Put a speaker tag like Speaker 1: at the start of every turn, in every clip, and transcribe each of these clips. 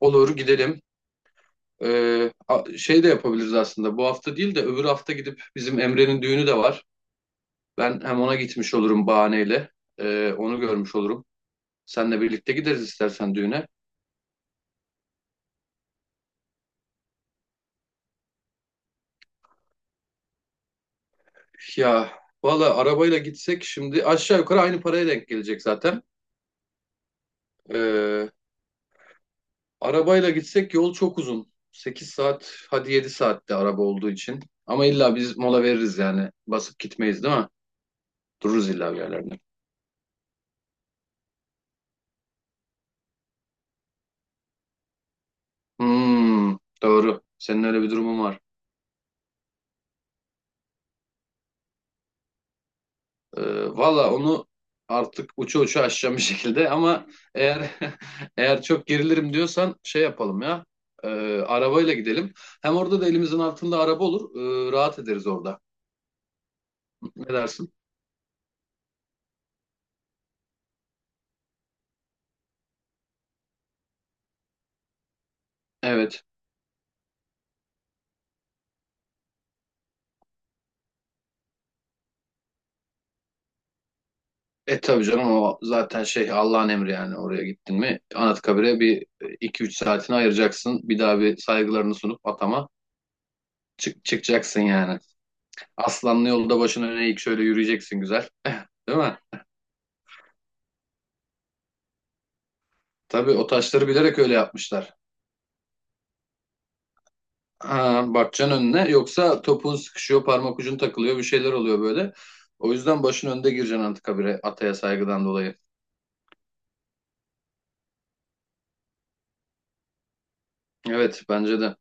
Speaker 1: Olur gidelim. Şey de yapabiliriz aslında. Bu hafta değil de öbür hafta gidip bizim Emre'nin düğünü de var. Ben hem ona gitmiş olurum bahaneyle. Onu görmüş olurum. Seninle birlikte gideriz istersen düğüne. Ya valla arabayla gitsek şimdi aşağı yukarı aynı paraya denk gelecek zaten. Ee, Arabayla gitsek yol çok uzun. 8 saat, hadi 7 saatte, araba olduğu için. Ama illa biz mola veririz yani. Basıp gitmeyiz değil mi? Dururuz illa bir yerlerde. Hmm, doğru. Senin öyle bir durumun var. Ee, Valla onu artık uça uça aşacağım bir şekilde ama eğer eğer çok gerilirim diyorsan şey yapalım ya. Ee, Arabayla gidelim. Hem orada da elimizin altında araba olur, rahat ederiz orada. Ne dersin? Evet. Tabii canım, o zaten şey Allah'ın emri. Yani oraya gittin mi Anıtkabir'e, bir iki üç saatini ayıracaksın. Bir daha bir saygılarını sunup atama çıkacaksın yani. Aslanlı yolda başın öne eğik şöyle yürüyeceksin, güzel. Değil mi? Tabii o taşları bilerek öyle yapmışlar. Ha, bakacaksın önüne. Yoksa topun sıkışıyor, parmak ucun takılıyor, bir şeyler oluyor böyle. O yüzden başın önde gireceksin artık habire, ataya saygıdan dolayı. Evet, bence de.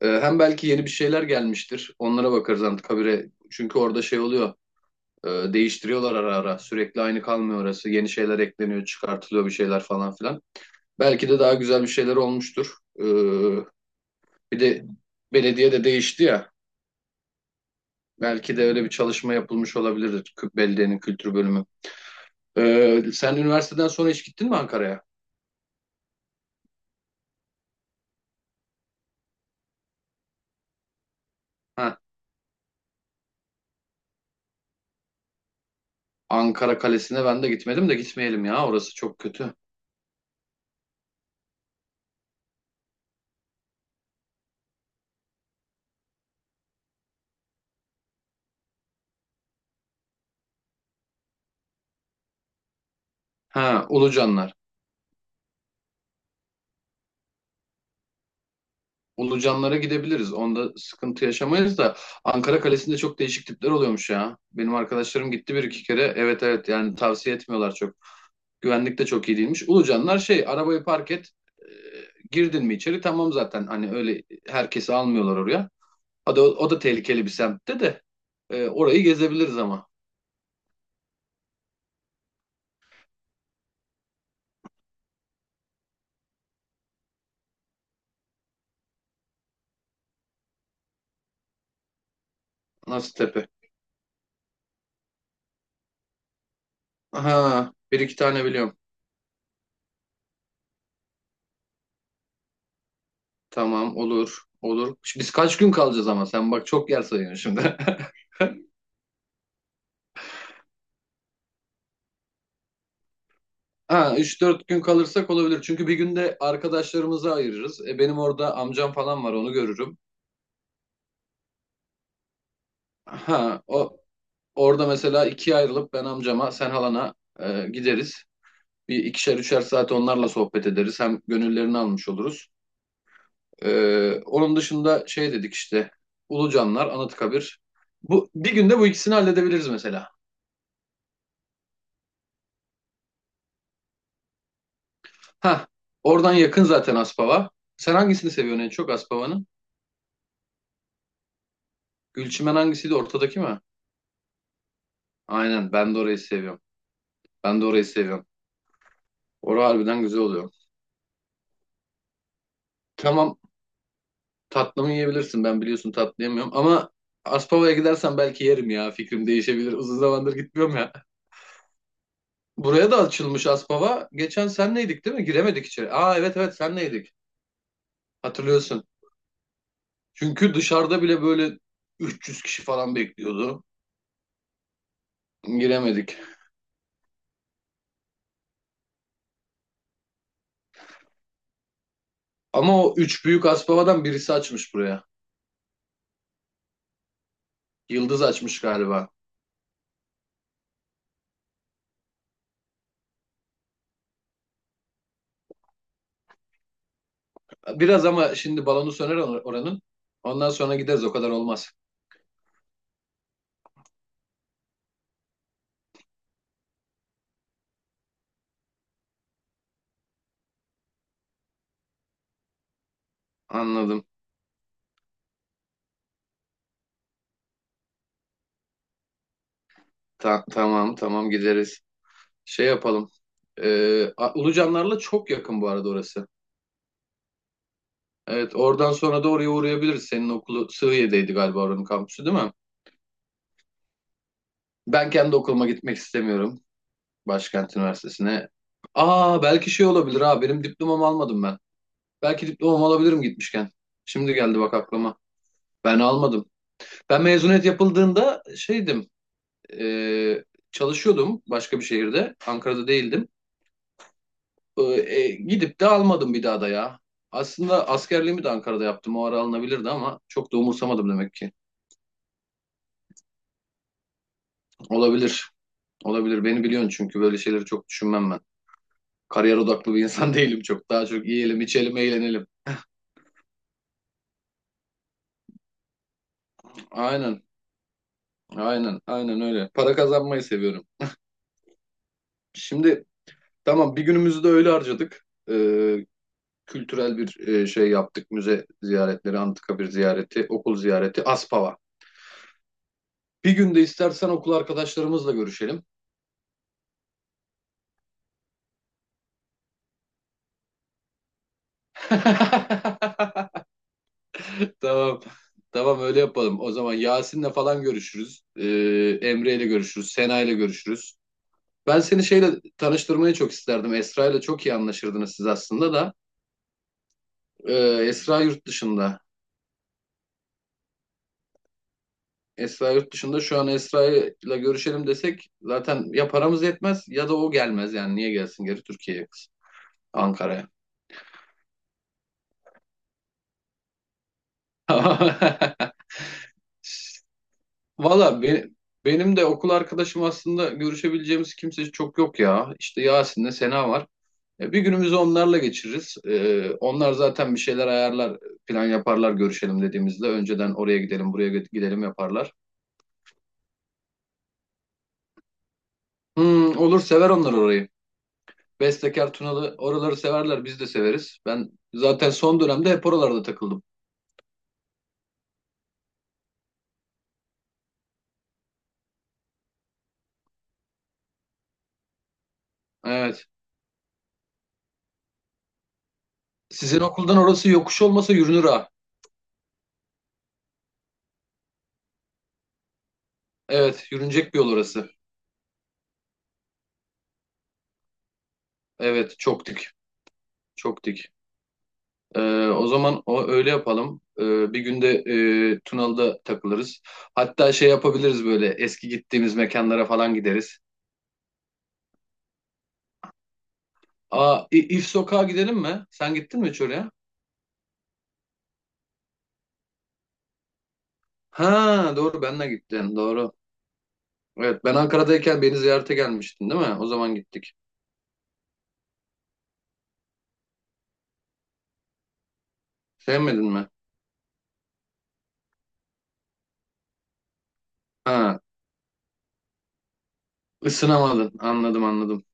Speaker 1: Hem belki yeni bir şeyler gelmiştir. Onlara bakarız antikabire. Çünkü orada şey oluyor, değiştiriyorlar ara ara. Sürekli aynı kalmıyor orası. Yeni şeyler ekleniyor, çıkartılıyor bir şeyler falan filan. Belki de daha güzel bir şeyler olmuştur. Ee, Bir de belediye de değişti ya. Belki de öyle bir çalışma yapılmış olabilir. Belediyenin kültür bölümü. Sen üniversiteden sonra hiç gittin mi Ankara'ya? Ha, Ankara Kalesi'ne ben de gitmedim, de gitmeyelim ya. Orası çok kötü. Ha, Ulucanlar. Ulucanlara gidebiliriz. Onda sıkıntı yaşamayız da Ankara Kalesi'nde çok değişik tipler oluyormuş ya. Benim arkadaşlarım gitti bir iki kere. Evet, evet, yani tavsiye etmiyorlar çok. Güvenlik de çok iyi değilmiş. Ulucanlar şey, arabayı park et, e, girdin mi içeri tamam zaten. Hani öyle herkesi almıyorlar oraya. O da, o da tehlikeli bir semtte de. Orayı gezebiliriz ama. Nasıl? Aha, bir iki tane biliyorum. Tamam, olur, olur. Şimdi biz kaç gün kalacağız ama, sen bak çok yer sayıyorsun şimdi. Ha, 3-4 gün kalırsak olabilir. Çünkü bir günde arkadaşlarımızı ayırırız. E, benim orada amcam falan var, onu görürüm. Ha, o orada mesela ikiye ayrılıp ben amcama, sen halana gideriz. Bir ikişer üçer saat onlarla sohbet ederiz. Hem gönüllerini almış oluruz. Onun dışında şey dedik işte, Ulucanlar, Anıtkabir. Bu bir günde bu ikisini halledebiliriz mesela. Ha, oradan yakın zaten Aspava. Sen hangisini seviyorsun en çok Aspava'nın? Gülçimen hangisiydi, ortadaki mi? Aynen, ben de orayı seviyorum. Ben de orayı seviyorum. Orası harbiden güzel oluyor. Tamam, tatlımı yiyebilirsin, ben biliyorsun tatlı yemiyorum, ama Aspava'ya gidersen belki yerim ya, fikrim değişebilir. Uzun zamandır gitmiyorum ya. Buraya da açılmış Aspava. Geçen senleydik değil mi? Giremedik içeri. Aa, evet, evet, senleydik. Hatırlıyorsun. Çünkü dışarıda bile böyle 300 kişi falan bekliyordu. Giremedik. Ama o üç büyük Aspava'dan birisi açmış buraya. Yıldız açmış galiba. Biraz ama şimdi balonu söner oranın. Ondan sonra gideriz, o kadar olmaz. Anladım. Tamam, tamam gideriz. Şey yapalım. Ulucanlarla çok yakın bu arada orası. Evet, oradan sonra da oraya uğrayabiliriz. Senin okulu Sığıye'deydi galiba, oranın kampüsü değil mi? Ben kendi okuluma gitmek istemiyorum. Başkent Üniversitesi'ne. Aa, belki şey olabilir ha, benim diplomamı almadım ben. Belki diplomamı alabilirim gitmişken. Şimdi geldi bak aklıma. Ben almadım. Ben mezuniyet yapıldığında şeydim, e, çalışıyordum başka bir şehirde. Ankara'da değildim. E, Gidip de almadım bir daha da ya. Aslında askerliğimi de Ankara'da yaptım. O ara alınabilirdi ama çok da umursamadım demek ki. Olabilir. Olabilir. Beni biliyorsun, çünkü böyle şeyleri çok düşünmem ben. Kariyer odaklı bir insan değilim çok. Daha çok yiyelim, içelim, eğlenelim. Aynen. Aynen. Aynen öyle. Para kazanmayı seviyorum. Şimdi tamam, bir günümüzü de öyle harcadık. E, Kültürel bir şey yaptık. Müze ziyaretleri, antikabir ziyareti, okul ziyareti, Aspava. Bir gün de istersen okul arkadaşlarımızla görüşelim. Tamam. Tamam, öyle yapalım. O zaman Yasin'le falan görüşürüz. Emre'yle görüşürüz. Sena'yla görüşürüz. Ben seni şeyle tanıştırmayı çok isterdim. Esra'yla çok iyi anlaşırdınız siz aslında da. Ee, Esra yurt dışında. Esra yurt dışında şu an, Esra'yla görüşelim desek zaten ya paramız yetmez ya da o gelmez. Yani niye gelsin geri Türkiye'ye kız? Ankara'ya. Valla benim de okul arkadaşım, aslında görüşebileceğimiz kimse çok yok ya. İşte Yasin'le Sena var. Bir günümüzü onlarla geçiririz. Onlar zaten bir şeyler ayarlar, plan yaparlar görüşelim dediğimizde. Önceden oraya gidelim, buraya gidelim yaparlar. Hmm, olur, sever onlar orayı. Bestekar, Tunalı, oraları severler, biz de severiz. Ben zaten son dönemde hep oralarda takıldım. Evet. Sizin okuldan orası yokuş olmasa yürünür ha. Evet, yürünecek bir yol orası. Evet, çok dik. Çok dik. Ee, O zaman o öyle yapalım. Bir günde Tunalı'da takılırız. Hatta şey yapabiliriz, böyle eski gittiğimiz mekanlara falan gideriz. Aa, İf Sokağa gidelim mi? Sen gittin mi hiç oraya? Ha doğru, benle gittin, doğru. Evet, ben Ankara'dayken beni ziyarete gelmiştin değil mi? O zaman gittik. Sevmedin mi? Ha, ısınamadın, anladım, anladım.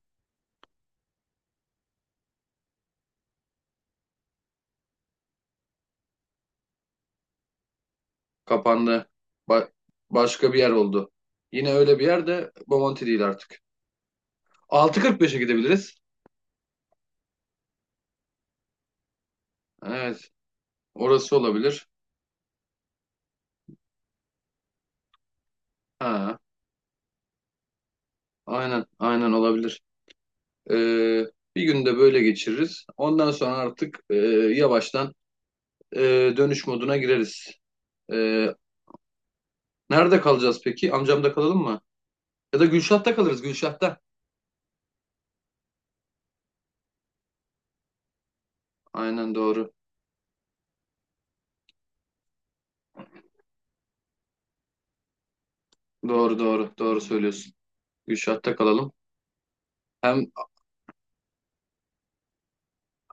Speaker 1: Kapandı. Ba- Başka bir yer oldu. Yine öyle bir yer de, Bomonti değil artık. 6:45'e gidebiliriz. Evet. Orası olabilir. Ha, aynen, aynen olabilir. Ee, Bir günde böyle geçiririz. Ondan sonra artık yavaştan e, dönüş moduna gireriz. Ee, Nerede kalacağız peki? Amcamda kalalım mı? Ya da Gülşah'ta kalırız, Gülşah'ta. Aynen doğru. Doğru, doğru, doğru söylüyorsun. Gülşah'ta kalalım. Hem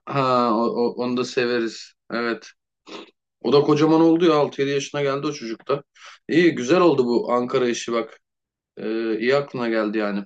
Speaker 1: ha, onu da severiz. Evet. O da kocaman oldu ya. 6-7 yaşına geldi o çocuk da. İyi, güzel oldu bu Ankara işi bak. İyi aklına geldi yani.